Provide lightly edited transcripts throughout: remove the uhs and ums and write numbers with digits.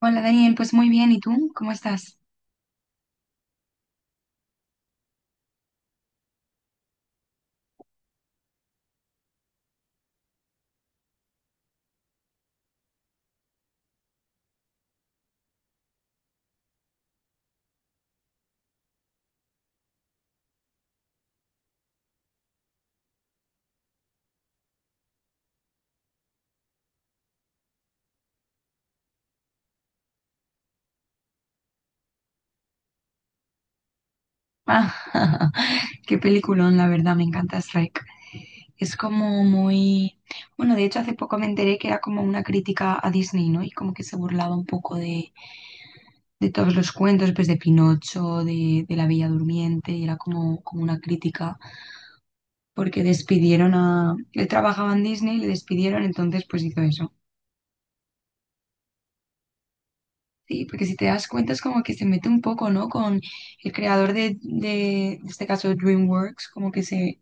Hola Daniel, pues muy bien, ¿y tú? ¿Cómo estás? Ah, qué peliculón, la verdad, me encanta Shrek. Es como muy... Bueno, de hecho hace poco me enteré que era como una crítica a Disney, ¿no? Y como que se burlaba un poco de todos los cuentos, pues de Pinocho, de La Bella Durmiente, y era como, como una crítica porque despidieron a... Él trabajaba en Disney, le despidieron, entonces pues hizo eso. Sí, porque si te das cuenta es como que se mete un poco, ¿no? Con el creador de, en este caso, DreamWorks, como que se,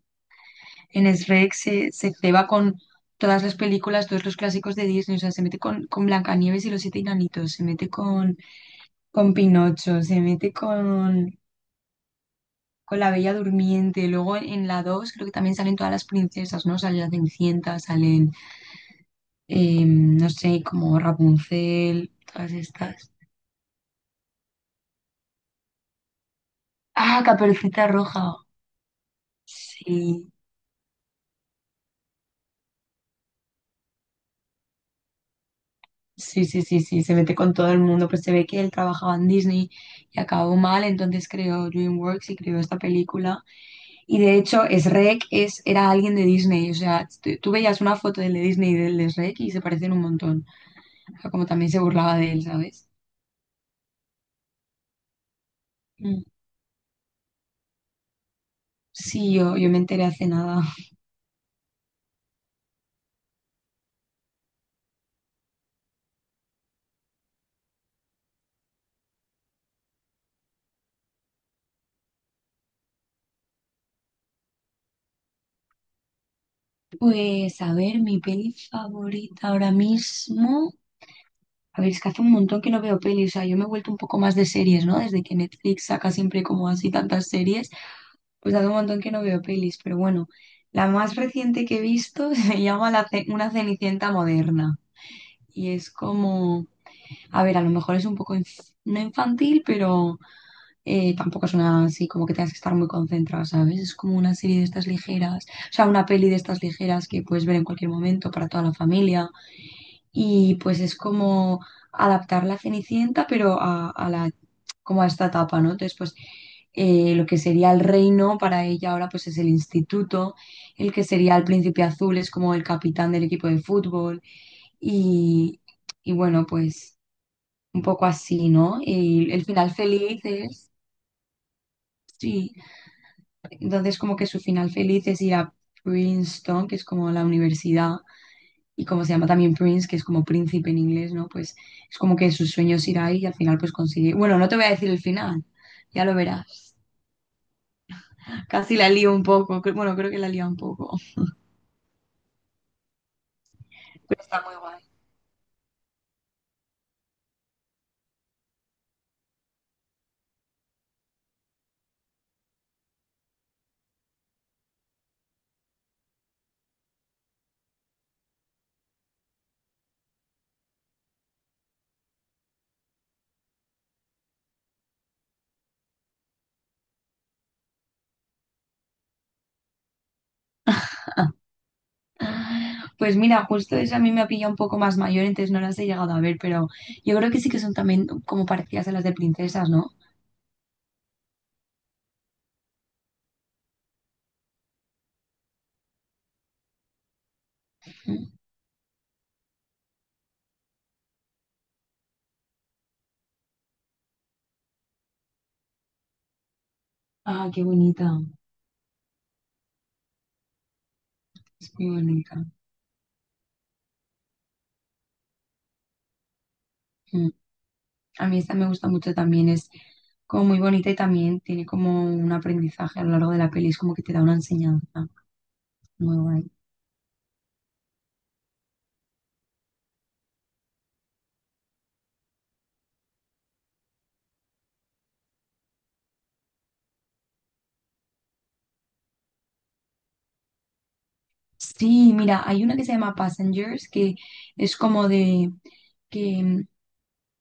en Shrek se ceba con todas las películas, todos los clásicos de Disney, o sea, se mete con Blancanieves y los siete enanitos, se mete con Pinocho, se mete con La Bella Durmiente, luego en la 2 creo que también salen todas las princesas, ¿no? Sale la Cenicienta, salen, no sé, como Rapunzel, todas estas. Ah, Caperucita Roja, sí. Sí, sí, sí, sí, se mete con todo el mundo, pues se ve que él trabajaba en Disney y acabó mal, entonces creó DreamWorks y creó esta película. Y de hecho, Shrek es, era alguien de Disney, o sea, tú veías una foto del de Disney y del de Shrek y se parecen un montón. O sea, como también se burlaba de él, ¿sabes? Mm. Sí, yo me enteré hace nada. Pues a ver, mi peli favorita ahora mismo. A ver, es que hace un montón que no veo pelis, o sea, yo me he vuelto un poco más de series, ¿no? Desde que Netflix saca siempre como así tantas series. Pues hace un montón que no veo pelis, pero bueno, la más reciente que he visto se llama Una Cenicienta Moderna. Y es como, a ver, a lo mejor es un poco no infantil, pero tampoco es una así como que tengas que estar muy concentrada, ¿sabes? Es como una serie de estas ligeras, o sea, una peli de estas ligeras que puedes ver en cualquier momento para toda la familia y pues es como adaptar la Cenicienta, pero a la, como a esta etapa, ¿no? Entonces, pues lo que sería el reino para ella ahora pues es el instituto, el que sería el príncipe azul es como el capitán del equipo de fútbol y, y bueno, pues un poco así, ¿no? Y el final feliz es, sí, entonces como que su final feliz es ir a Princeton, que es como la universidad y como se llama también Prince, que es como príncipe en inglés, ¿no? Pues es como que sus sueños irá ahí y al final pues consigue. Bueno, no te voy a decir el final, ya lo verás. Casi la lío un poco, bueno, creo que la lío un poco, pero está muy guay. Pues mira, justo esa a mí me ha pillado un poco más mayor, entonces no las he llegado a ver, pero yo creo que sí que son también como parecidas a las de princesas, ¿no? Mm. Ah, qué bonita, es muy bonita. Mm. A mí esta me gusta mucho también, es como muy bonita y también tiene como un aprendizaje a lo largo de la peli, es como que te da una enseñanza muy guay. Sí, mira, hay una que se llama Passengers, que es como de que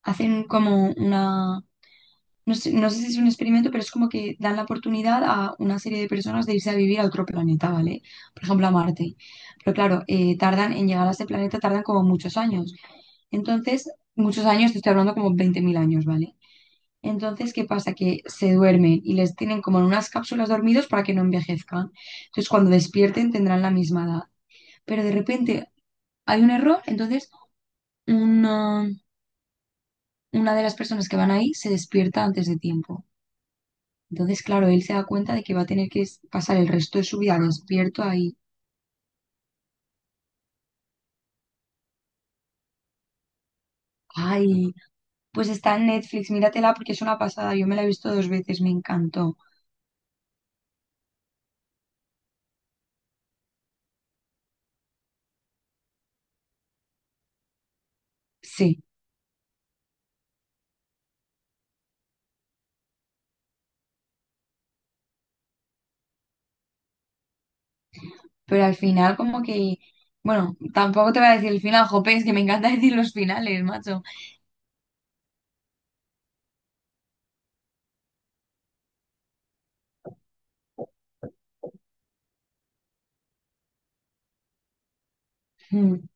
hacen como una, no sé, no sé si es un experimento, pero es como que dan la oportunidad a una serie de personas de irse a vivir a otro planeta, ¿vale? Por ejemplo, a Marte. Pero claro, tardan en llegar a ese planeta, tardan como muchos años. Entonces, muchos años, te estoy hablando como 20.000 años, ¿vale? Entonces, ¿qué pasa? Que se duermen y les tienen como en unas cápsulas dormidos para que no envejezcan. Entonces, cuando despierten tendrán la misma edad. Pero de repente hay un error, entonces una, una de las personas que van ahí se despierta antes de tiempo. Entonces, claro, él se da cuenta de que va a tener que pasar el resto de su vida despierto ahí. Ay, pues está en Netflix, míratela porque es una pasada. Yo me la he visto dos veces, me encantó. Sí, pero al final como que... Bueno, tampoco te voy a decir el final, jope, es que me encanta decir los finales, macho. Mm,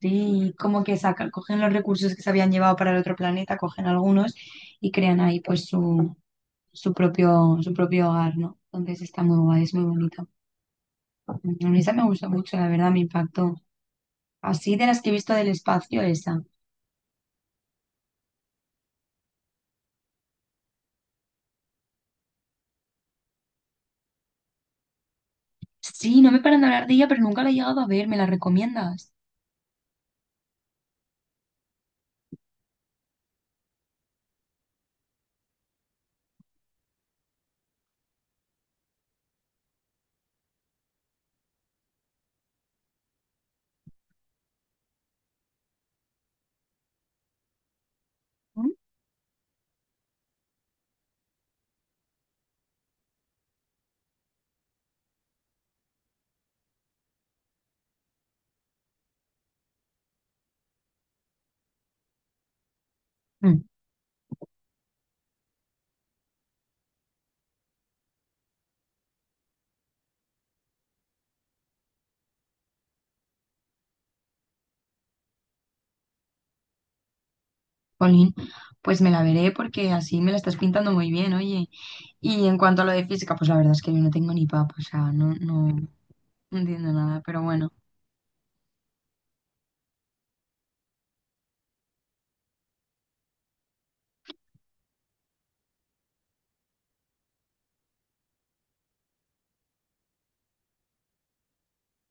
sí, como que sacan, cogen los recursos que se habían llevado para el otro planeta, cogen algunos y crean ahí pues su, su propio hogar, ¿no? Entonces está muy guay, es muy bonito. Mm, a mí esa me gustó mucho, la verdad, me impactó. Así de las que he visto del espacio, esa. Sí, no me paran de hablar de ella, pero nunca la he llegado a ver, ¿me la recomiendas? Mm, jolín, pues me la veré porque así me la estás pintando muy bien, oye. Y en cuanto a lo de física, pues la verdad es que yo no tengo ni papa, o sea, no entiendo nada, pero bueno.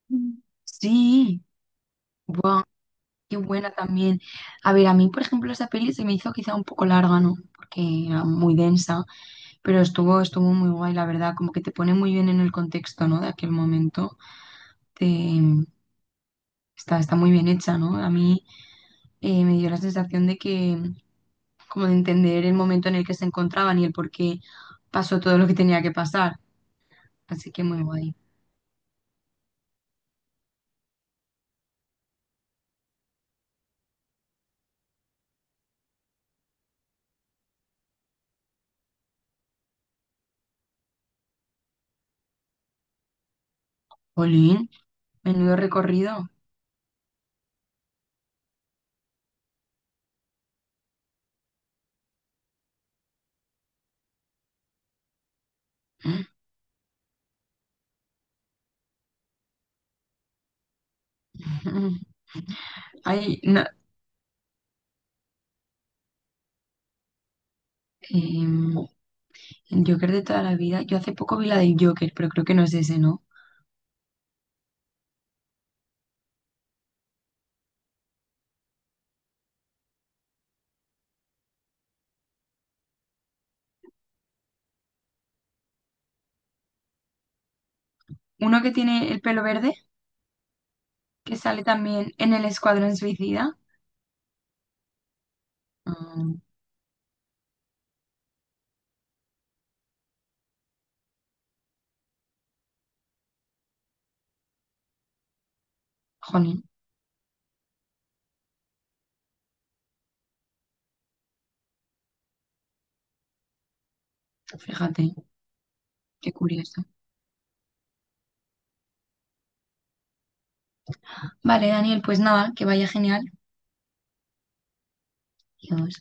Mm. Sí, buah, qué buena también. A ver, a mí, por ejemplo, esa peli se me hizo quizá un poco larga, ¿no? Porque era muy densa, pero estuvo, estuvo muy guay, la verdad, como que te pone muy bien en el contexto, ¿no? De aquel momento. Te, está, está muy bien hecha, ¿no? A mí me dio la sensación de que, como de entender el momento en el que se encontraban y el por qué pasó todo lo que tenía que pasar. Así que muy guay. Jolín, menudo recorrido. Ay, no, em, el Joker de toda la vida. Yo hace poco vi la del Joker, pero creo que no es ese, ¿no? Uno que tiene el pelo verde, que sale también en el Escuadrón Suicida. Mm, jolín, fíjate, qué curioso. Vale, Daniel, pues nada, que vaya genial. Adiós.